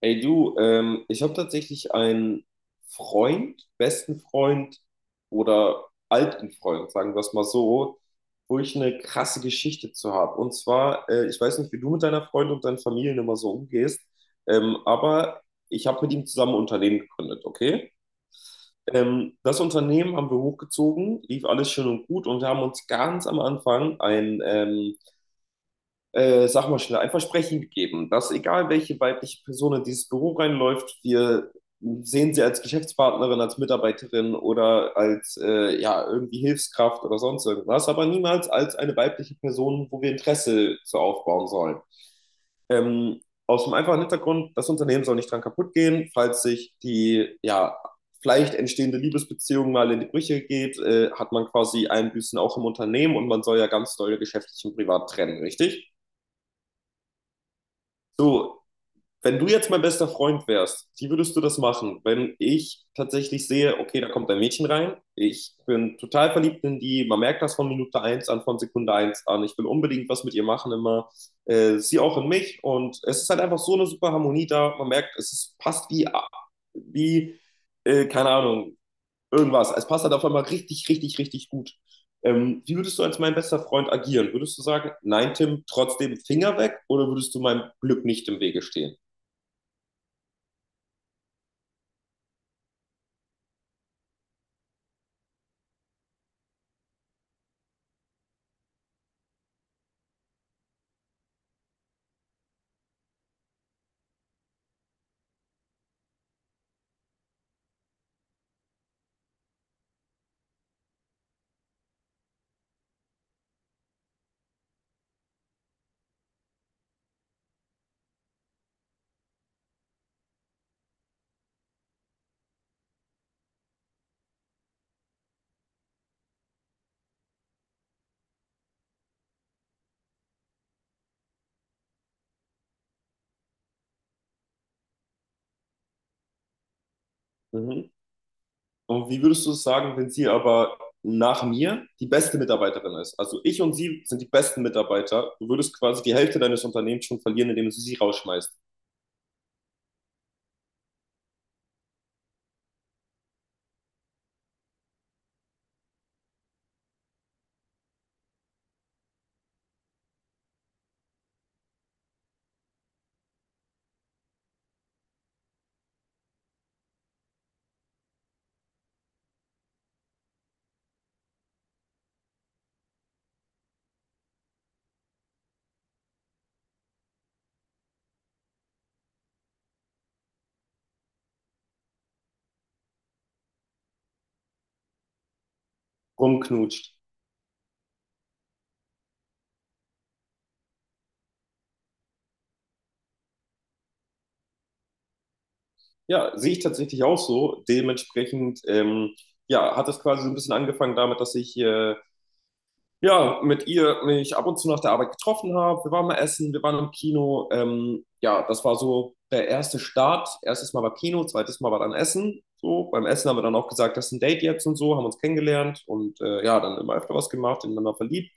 Ey du, ich habe tatsächlich einen Freund, besten Freund oder alten Freund, sagen wir es mal so, wo ich eine krasse Geschichte zu habe. Und zwar, ich weiß nicht, wie du mit deiner Freundin und deinen Familien immer so umgehst, aber ich habe mit ihm zusammen ein Unternehmen gegründet, okay? Das Unternehmen haben wir hochgezogen, lief alles schön und gut und wir haben uns ganz am Anfang ein sag mal schnell, ein Versprechen gegeben, dass egal welche weibliche Person in dieses Büro reinläuft, wir sehen sie als Geschäftspartnerin, als Mitarbeiterin oder als ja, irgendwie Hilfskraft oder sonst irgendwas, aber niemals als eine weibliche Person, wo wir Interesse zu aufbauen sollen. Ähm, Aus dem einfachen Hintergrund, das Unternehmen soll nicht dran kaputt gehen, falls sich die ja, vielleicht entstehende Liebesbeziehung mal in die Brüche geht, hat man quasi Einbüßen auch im Unternehmen und man soll ja ganz doll geschäftlich und privat trennen, richtig? So, wenn du jetzt mein bester Freund wärst, wie würdest du das machen, wenn ich tatsächlich sehe, okay, da kommt ein Mädchen rein, ich bin total verliebt in die, man merkt das von Minute eins an, von Sekunde eins an, ich will unbedingt was mit ihr machen immer, sie auch in mich und es ist halt einfach so eine super Harmonie da, man merkt, es ist, passt wie keine Ahnung, irgendwas, es passt halt auf einmal richtig, richtig, richtig gut. Wie würdest du als mein bester Freund agieren? Würdest du sagen, nein, Tim, trotzdem Finger weg oder würdest du meinem Glück nicht im Wege stehen? Mhm. Und wie würdest du es sagen, wenn sie aber nach mir die beste Mitarbeiterin ist? Also ich und sie sind die besten Mitarbeiter. Du würdest quasi die Hälfte deines Unternehmens schon verlieren, indem du sie rausschmeißt, rumknutscht. Ja, sehe ich tatsächlich auch so. Dementsprechend, ja, hat es quasi so ein bisschen angefangen damit, dass ich ja, mit ihr mich ab und zu nach der Arbeit getroffen habe. Wir waren mal essen, wir waren im Kino. Ja, das war so der erste Start. Erstes Mal war Kino, zweites Mal war dann Essen. So, beim Essen haben wir dann auch gesagt, das ist ein Date jetzt und so, haben uns kennengelernt und ja, dann immer öfter was gemacht, ineinander verliebt.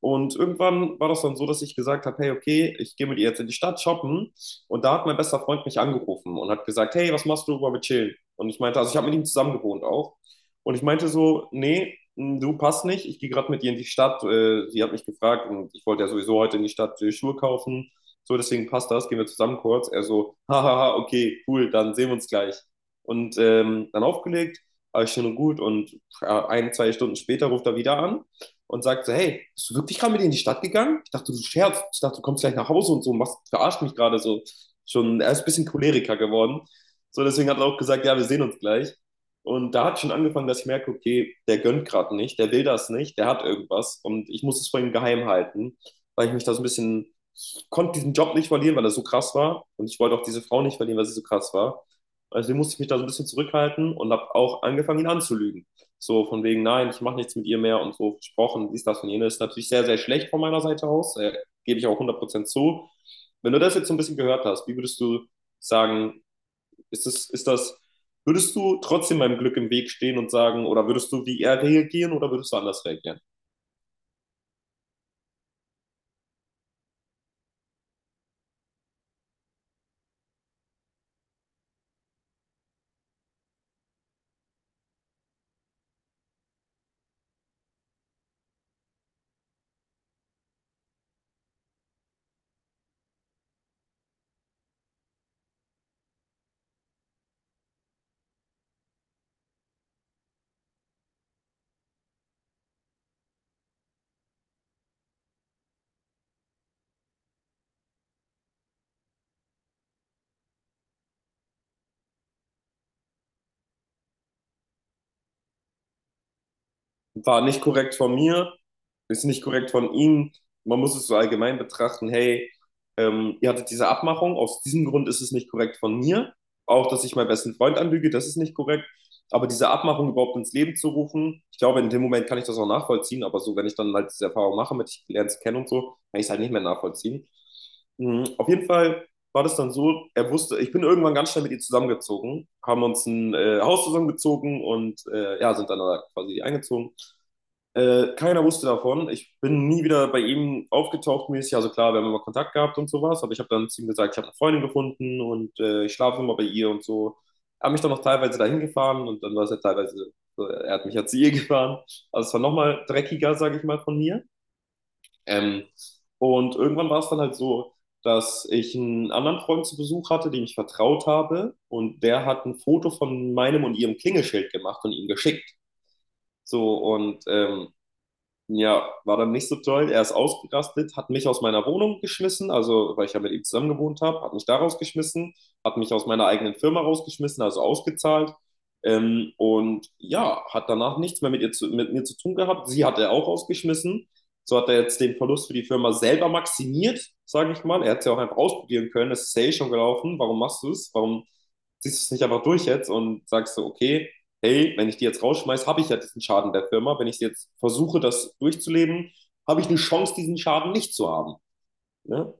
Und irgendwann war das dann so, dass ich gesagt habe, hey, okay, ich gehe mit ihr jetzt in die Stadt shoppen. Und da hat mein bester Freund mich angerufen und hat gesagt, hey, was machst du, wollen wir chillen? Und ich meinte, also ich habe mit ihm zusammen gewohnt auch. Und ich meinte so, nee, du passt nicht, ich gehe gerade mit ihr in die Stadt. Sie hat mich gefragt und ich wollte ja sowieso heute in die Stadt Schuhe kaufen. So, deswegen passt das, gehen wir zusammen kurz. Er so, hahaha, okay, cool, dann sehen wir uns gleich. Und dann aufgelegt, alles schön und gut. Und ein, zwei Stunden später ruft er wieder an und sagt so, hey, bist du wirklich gerade mit in die Stadt gegangen? Ich dachte, du scherzt. Ich dachte, du kommst gleich nach Hause und so, machst, verarscht mich gerade so. Schon, er ist ein bisschen choleriker geworden. So, deswegen hat er auch gesagt, ja, wir sehen uns gleich. Und da hat schon angefangen, dass ich merke, okay, der gönnt gerade nicht, der will das nicht, der hat irgendwas und ich muss es vor ihm geheim halten, weil ich mich da so ein bisschen, ich konnte diesen Job nicht verlieren, weil er so krass war und ich wollte auch diese Frau nicht verlieren, weil sie so krass war. Also musste ich mich da so ein bisschen zurückhalten und habe auch angefangen, ihn anzulügen. So von wegen, nein, ich mache nichts mit ihr mehr und so versprochen, dies, das und jenes. Natürlich sehr, sehr schlecht von meiner Seite aus, gebe ich auch 100% zu. Wenn du das jetzt so ein bisschen gehört hast, wie würdest du sagen, ist das, würdest du trotzdem meinem Glück im Weg stehen und sagen, oder würdest du wie er reagieren oder würdest du anders reagieren? War nicht korrekt von mir, ist nicht korrekt von ihm. Man muss es so allgemein betrachten, hey, ihr hattet diese Abmachung, aus diesem Grund ist es nicht korrekt von mir. Auch, dass ich meinen besten Freund anlüge, das ist nicht korrekt. Aber diese Abmachung überhaupt ins Leben zu rufen, ich glaube, in dem Moment kann ich das auch nachvollziehen, aber so, wenn ich dann halt diese Erfahrung mache, mit ich lerne es kennen und so, kann ich es halt nicht mehr nachvollziehen. Mhm, Auf jeden Fall war das dann so, er wusste, ich bin irgendwann ganz schnell mit ihr zusammengezogen, haben uns ein Haus zusammengezogen und ja, sind dann da quasi eingezogen. Keiner wusste davon. Ich bin nie wieder bei ihm aufgetaucht mäßig. Also klar, wir haben immer Kontakt gehabt und sowas, aber ich habe dann zu ihm gesagt, ich habe eine Freundin gefunden und ich schlafe immer bei ihr und so. Hab mich dann noch teilweise dahin gefahren und dann war es ja teilweise, so, er hat mich ja zu ihr gefahren. Also es war nochmal dreckiger, sage ich mal, von mir. Ähm, und irgendwann war es dann halt so, dass ich einen anderen Freund zu Besuch hatte, dem ich vertraut habe und der hat ein Foto von meinem und ihrem Klingelschild gemacht und ihm geschickt. So und ja, war dann nicht so toll. Er ist ausgerastet, hat mich aus meiner Wohnung geschmissen, also weil ich ja mit ihm zusammen gewohnt habe, hat mich da rausgeschmissen, hat mich aus meiner eigenen Firma rausgeschmissen, also ausgezahlt. Und ja, hat danach nichts mehr mit mir zu tun gehabt. Sie hat er auch rausgeschmissen. So hat er jetzt den Verlust für die Firma selber maximiert, sage ich mal. Er hätte es ja auch einfach ausprobieren können. Es ist ja eh schon gelaufen. Warum machst du es? Warum ziehst du es nicht einfach durch jetzt und sagst so, okay, hey, wenn ich die jetzt rausschmeiße, habe ich ja diesen Schaden der Firma. Wenn ich jetzt versuche, das durchzuleben, habe ich eine Chance, diesen Schaden nicht zu haben. Ne?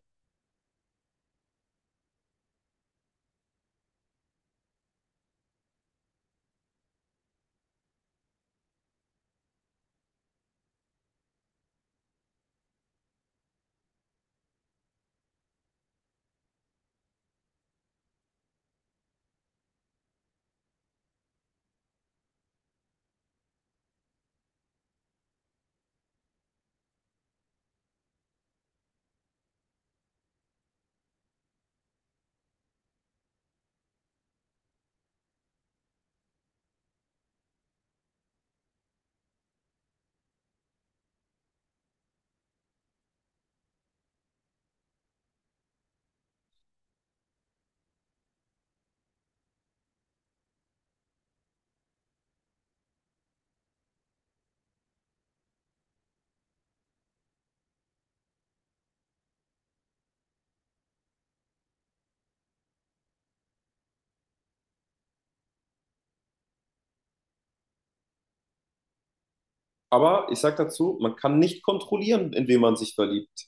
Aber ich sage dazu, man kann nicht kontrollieren, in wen man sich verliebt.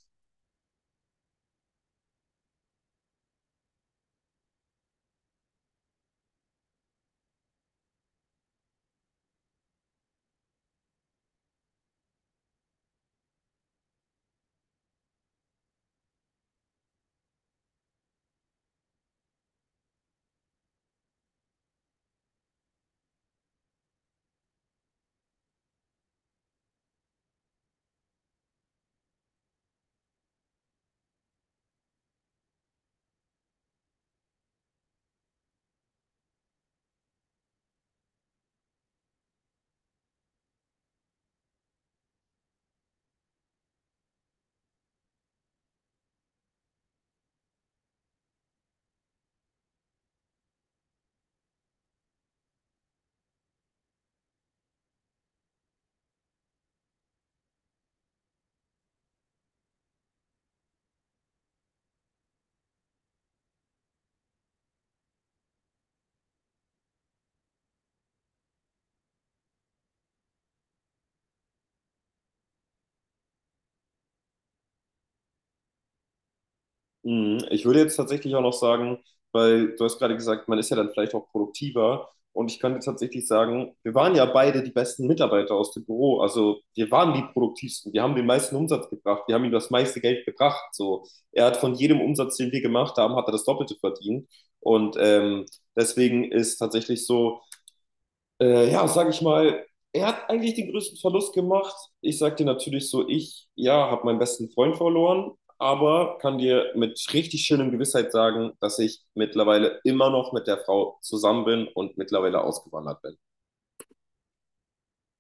Mhm. Ich würde jetzt tatsächlich auch noch sagen, weil du hast gerade gesagt, man ist ja dann vielleicht auch produktiver. Und ich könnte tatsächlich sagen, wir waren ja beide die besten Mitarbeiter aus dem Büro. Also wir waren die produktivsten. Wir haben den meisten Umsatz gebracht. Wir haben ihm das meiste Geld gebracht. So, er hat von jedem Umsatz, den wir gemacht haben, hat er das Doppelte verdient. Und deswegen ist tatsächlich so, ja, sag ich mal, er hat eigentlich den größten Verlust gemacht. Ich sag dir natürlich so, ich, ja, habe meinen besten Freund verloren, aber kann dir mit richtig schönem Gewissheit sagen, dass ich mittlerweile immer noch mit der Frau zusammen bin und mittlerweile ausgewandert bin.